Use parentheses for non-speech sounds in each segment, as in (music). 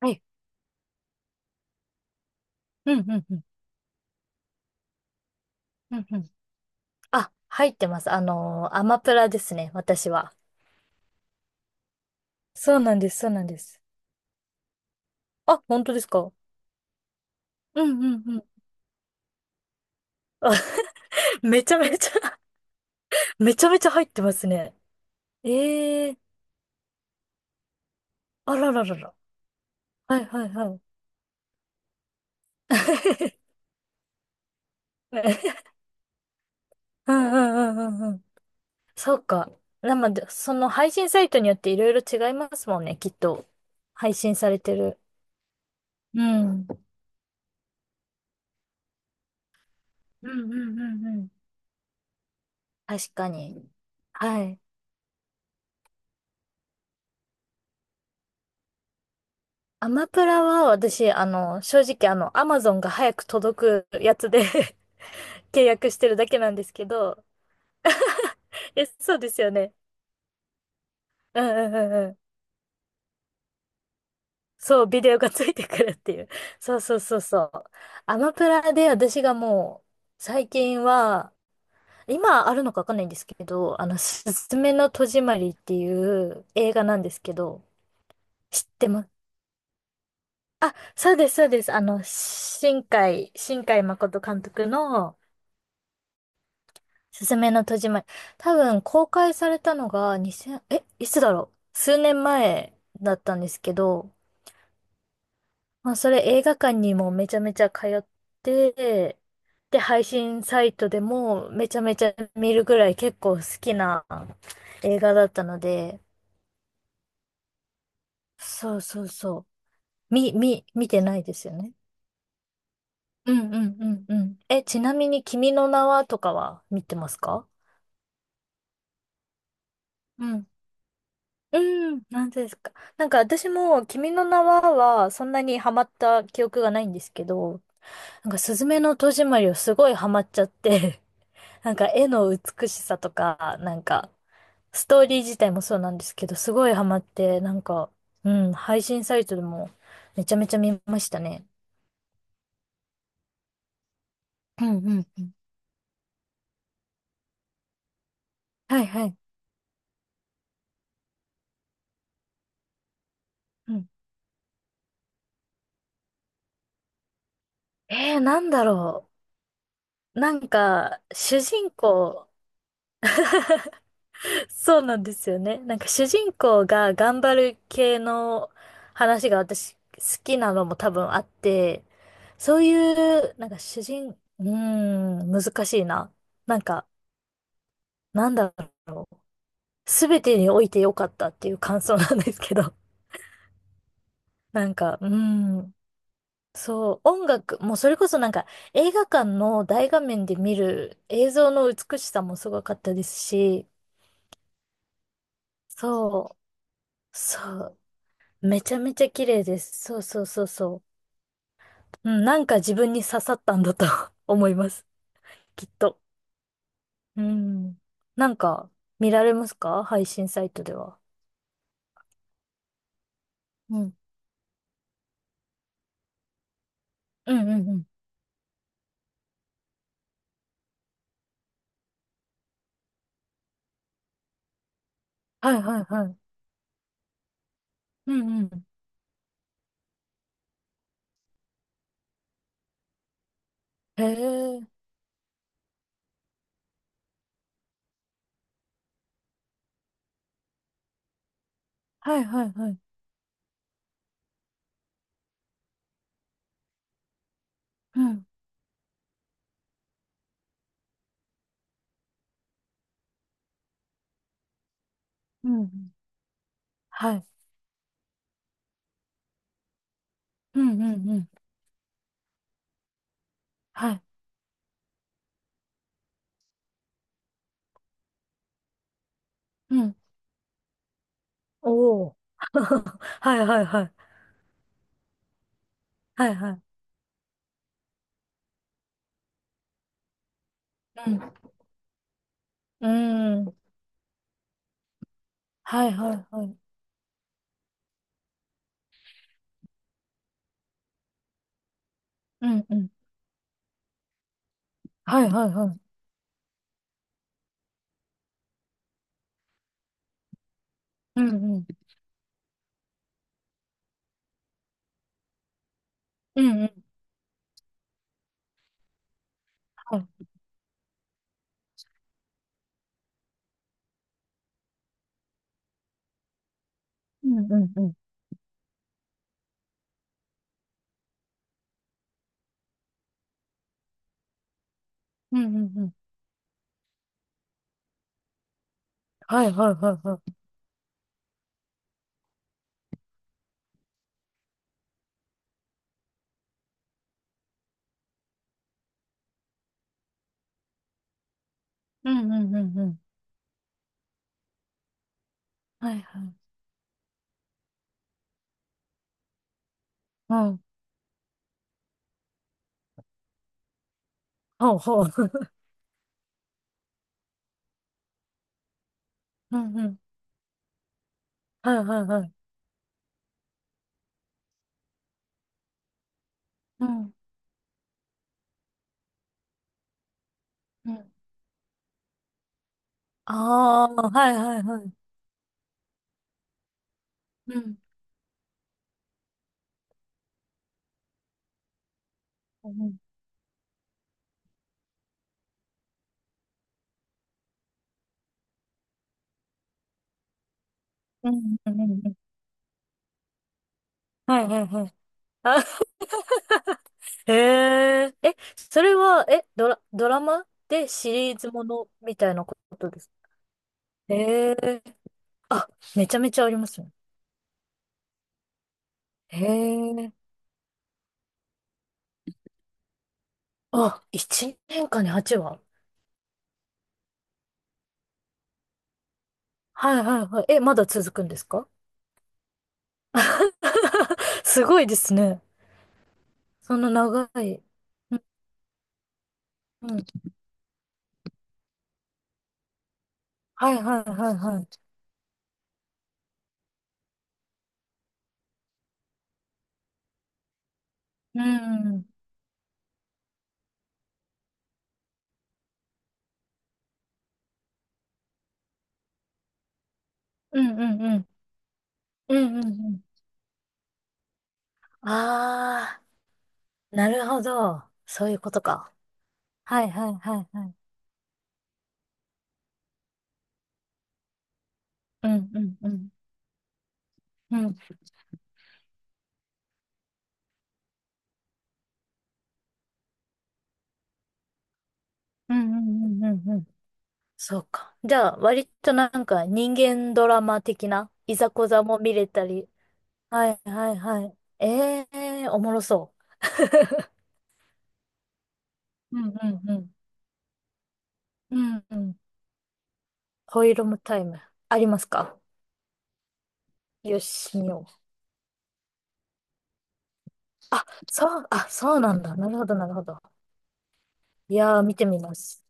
はい。うん、うん、うん、うん、うん。あ、入ってます。アマプラですね、私は。そうなんです、そうなんです。あ、本当ですか？うん、うん、うん。(laughs) めちゃめちゃ (laughs) めちゃめちゃ入ってますね。ええー、あらららら。はい、はい、はい。(laughs) うんうんうんうんうん。そうか。なので、その配信サイトによっていろいろ違いますもんね、きっと。配信されてる。うん。うんうんうんうん。確かに。はい。アマプラは私、正直アマゾンが早く届くやつで (laughs) 契約してるだけなんですけど、え、そうですよね。うんうんうんうん。そう、ビデオがついてくるっていう。そうそうそうそう。アマプラで私がもう、最近は、今あるのかわかんないんですけど、すずめの戸締まりっていう映画なんですけど、知ってます？あ、そうです、そうです。新海誠監督の、すすめの戸締まり。多分公開されたのが2000、いつだろう数年前だったんですけど、まあそれ映画館にもめちゃめちゃ通って、で、配信サイトでもめちゃめちゃ見るぐらい結構好きな映画だったので、そうそうそう。見てないですよね。うんうんうんうん。え、ちなみに君の名はとかは見てますか？うんうん、なんですか。なんか私も、君の名は、はそんなにハマった記憶がないんですけど、なんか、すずめの戸締まりをすごいハマっちゃって、(laughs) なんか、絵の美しさとか、なんか、ストーリー自体もそうなんですけど、すごいハマって、なんか、うん、配信サイトでも、めちゃめちゃ見ましたね。うんうんうん。はいはい。うん。なんだろう。なんか、主人公、そうなんですよね。なんか主人公が頑張る系の話が私好きなのも多分あって、そういう、なんか主人、うーん、難しいな。なんか、なんだろう、すべてにおいてよかったっていう感想なんですけど。(laughs) なんか、うーん、そう、音楽、もうそれこそなんか映画館の大画面で見る映像の美しさもすごかったですし、そう、そう、めちゃめちゃ綺麗です。そうそうそうそう。うん、なんか自分に刺さったんだと (laughs) 思います。きっと。うん。なんか、見られますか？配信サイトでは。うん。うんうんうん。はいはいはい。うんうん。へえ。はいはいはい。うん。うんうん。はい。うんうんうん。はい。うん。おお。(laughs) はいはいはい。はいはい。うん。うーん。はいはいはい。うんうん。はいはいはい。うんうん。うんうん。はい。うんうんうん。うんうんうん。はいはいはいはい。うんうんうんうん。はいはい。うん。ほうほう。(laughs) うんうん。はいはいはい。うん。うん。ああ、はいはいはい。うん。うん。うん。うん。うんうんはいはいはい。あ、(laughs) へえ。え、それは、え、ドラ、ドラマでシリーズものみたいなことですか？へえ。あ、めちゃめちゃありますね。へえ。あ、1年間に8話。はいはいはい。え、まだ続くんですか？ (laughs) すごいですね。その長い。うん、うん。はいはいはいはい。うん。うんうんうん。うんうんうん。ああ、なるほど。そういうことか。はいはいはいはい。うんうんうん。うん。うんうんうんうんうん。そうか。じゃあ、割となんか人間ドラマ的ないざこざも見れたり。はいはいはい。ええー、おもろそう。うんうんうん。うんうん。ホイールもタイムありますか？よし、見よう。あ、そう、あ、そうなんだ。なるほど、なるほど。いやー、見てみます。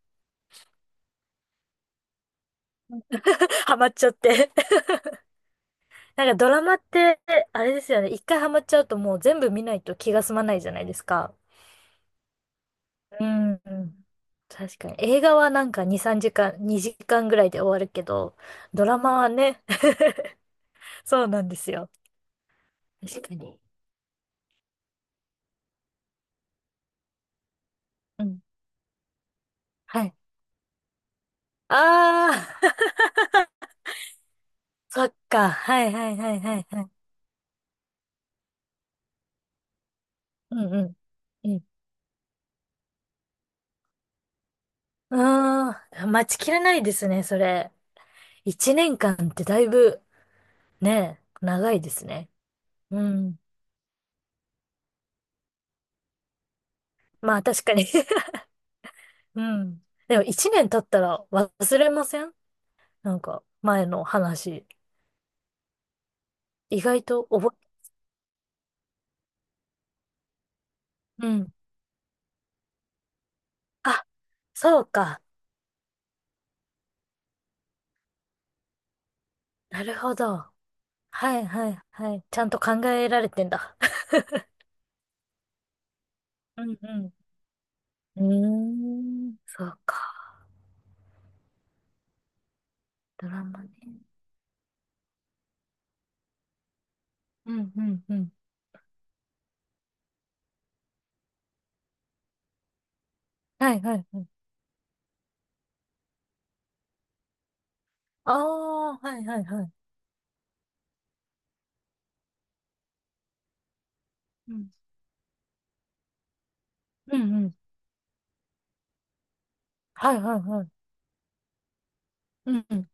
(laughs) ハマっちゃって。(laughs) なんかドラマって、あれですよね。一回ハマっちゃうともう全部見ないと気が済まないじゃないですか。うん、うん。確かに。映画はなんか2、3時間、2時間ぐらいで終わるけど、ドラマはね、(laughs) そうなんですよ。確かに。うん。はい。あー、(laughs) そっか。はいはいはいはいはい。うんうん。うん。ああ待ちきれないですね、それ。一年間ってだいぶねえ、長いですね。うん。まあ確かに (laughs) うん。でも一年経ったら忘れません？なんか前の話。意外と覚え、うん。あ、そうか。なるほど。はいはいはい。ちゃんと考えられてんだ。(laughs) うんうん。うーん。そうか。ドラマね。うんうんうん。はいはいはい。ああ、はいはいはい。うん。うんうん。はいはいはい。うんうん。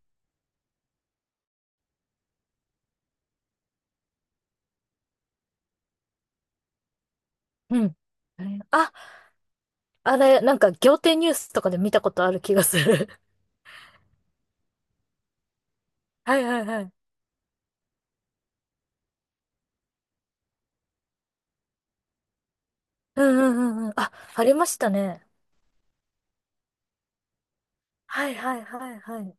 うん。あ、あれ、なんか仰天ニュースとかで見たことある気がする。(laughs) はいはいはい。うんうんうんうん。あ、ありましたね。はいはいはいはい。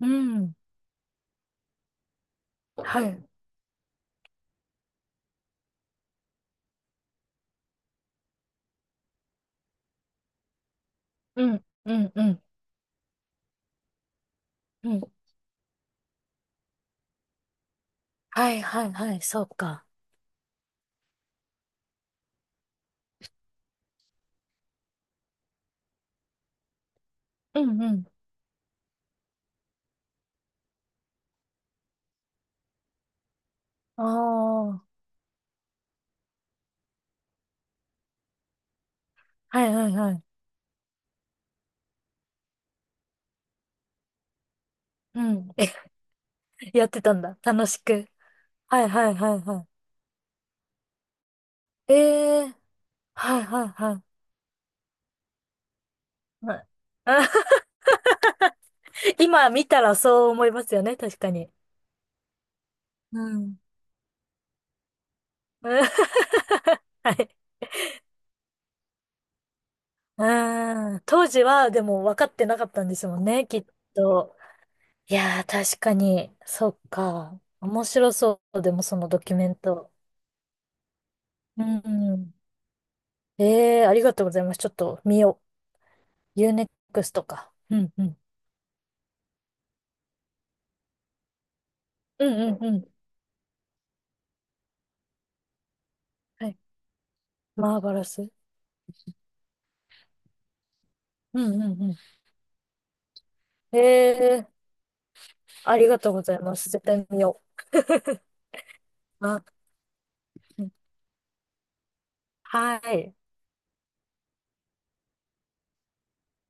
うん。はい。うんうんうんうん。はいはいはい。そうか。うんうん。ああ。はいはいはい。うん。え、(laughs) やってたんだ。楽しく。はいはいはいはい。ええ、はいはいはい。はい。あ (laughs) 今見たらそう思いますよね。確かに。うん。(laughs) はい。うーん。当時は、でも分かってなかったんですもんね、きっと。いやー、確かに、そっか。面白そう。でも、そのドキュメント。うん、うん。ええー、ありがとうございます。ちょっと見よう。u n クス t か。うん、うん。うん、うん、うん。はい。マーバラス。うん、うん、うん。ええー、ありがとうございます。絶対見よう。あ、うんはい。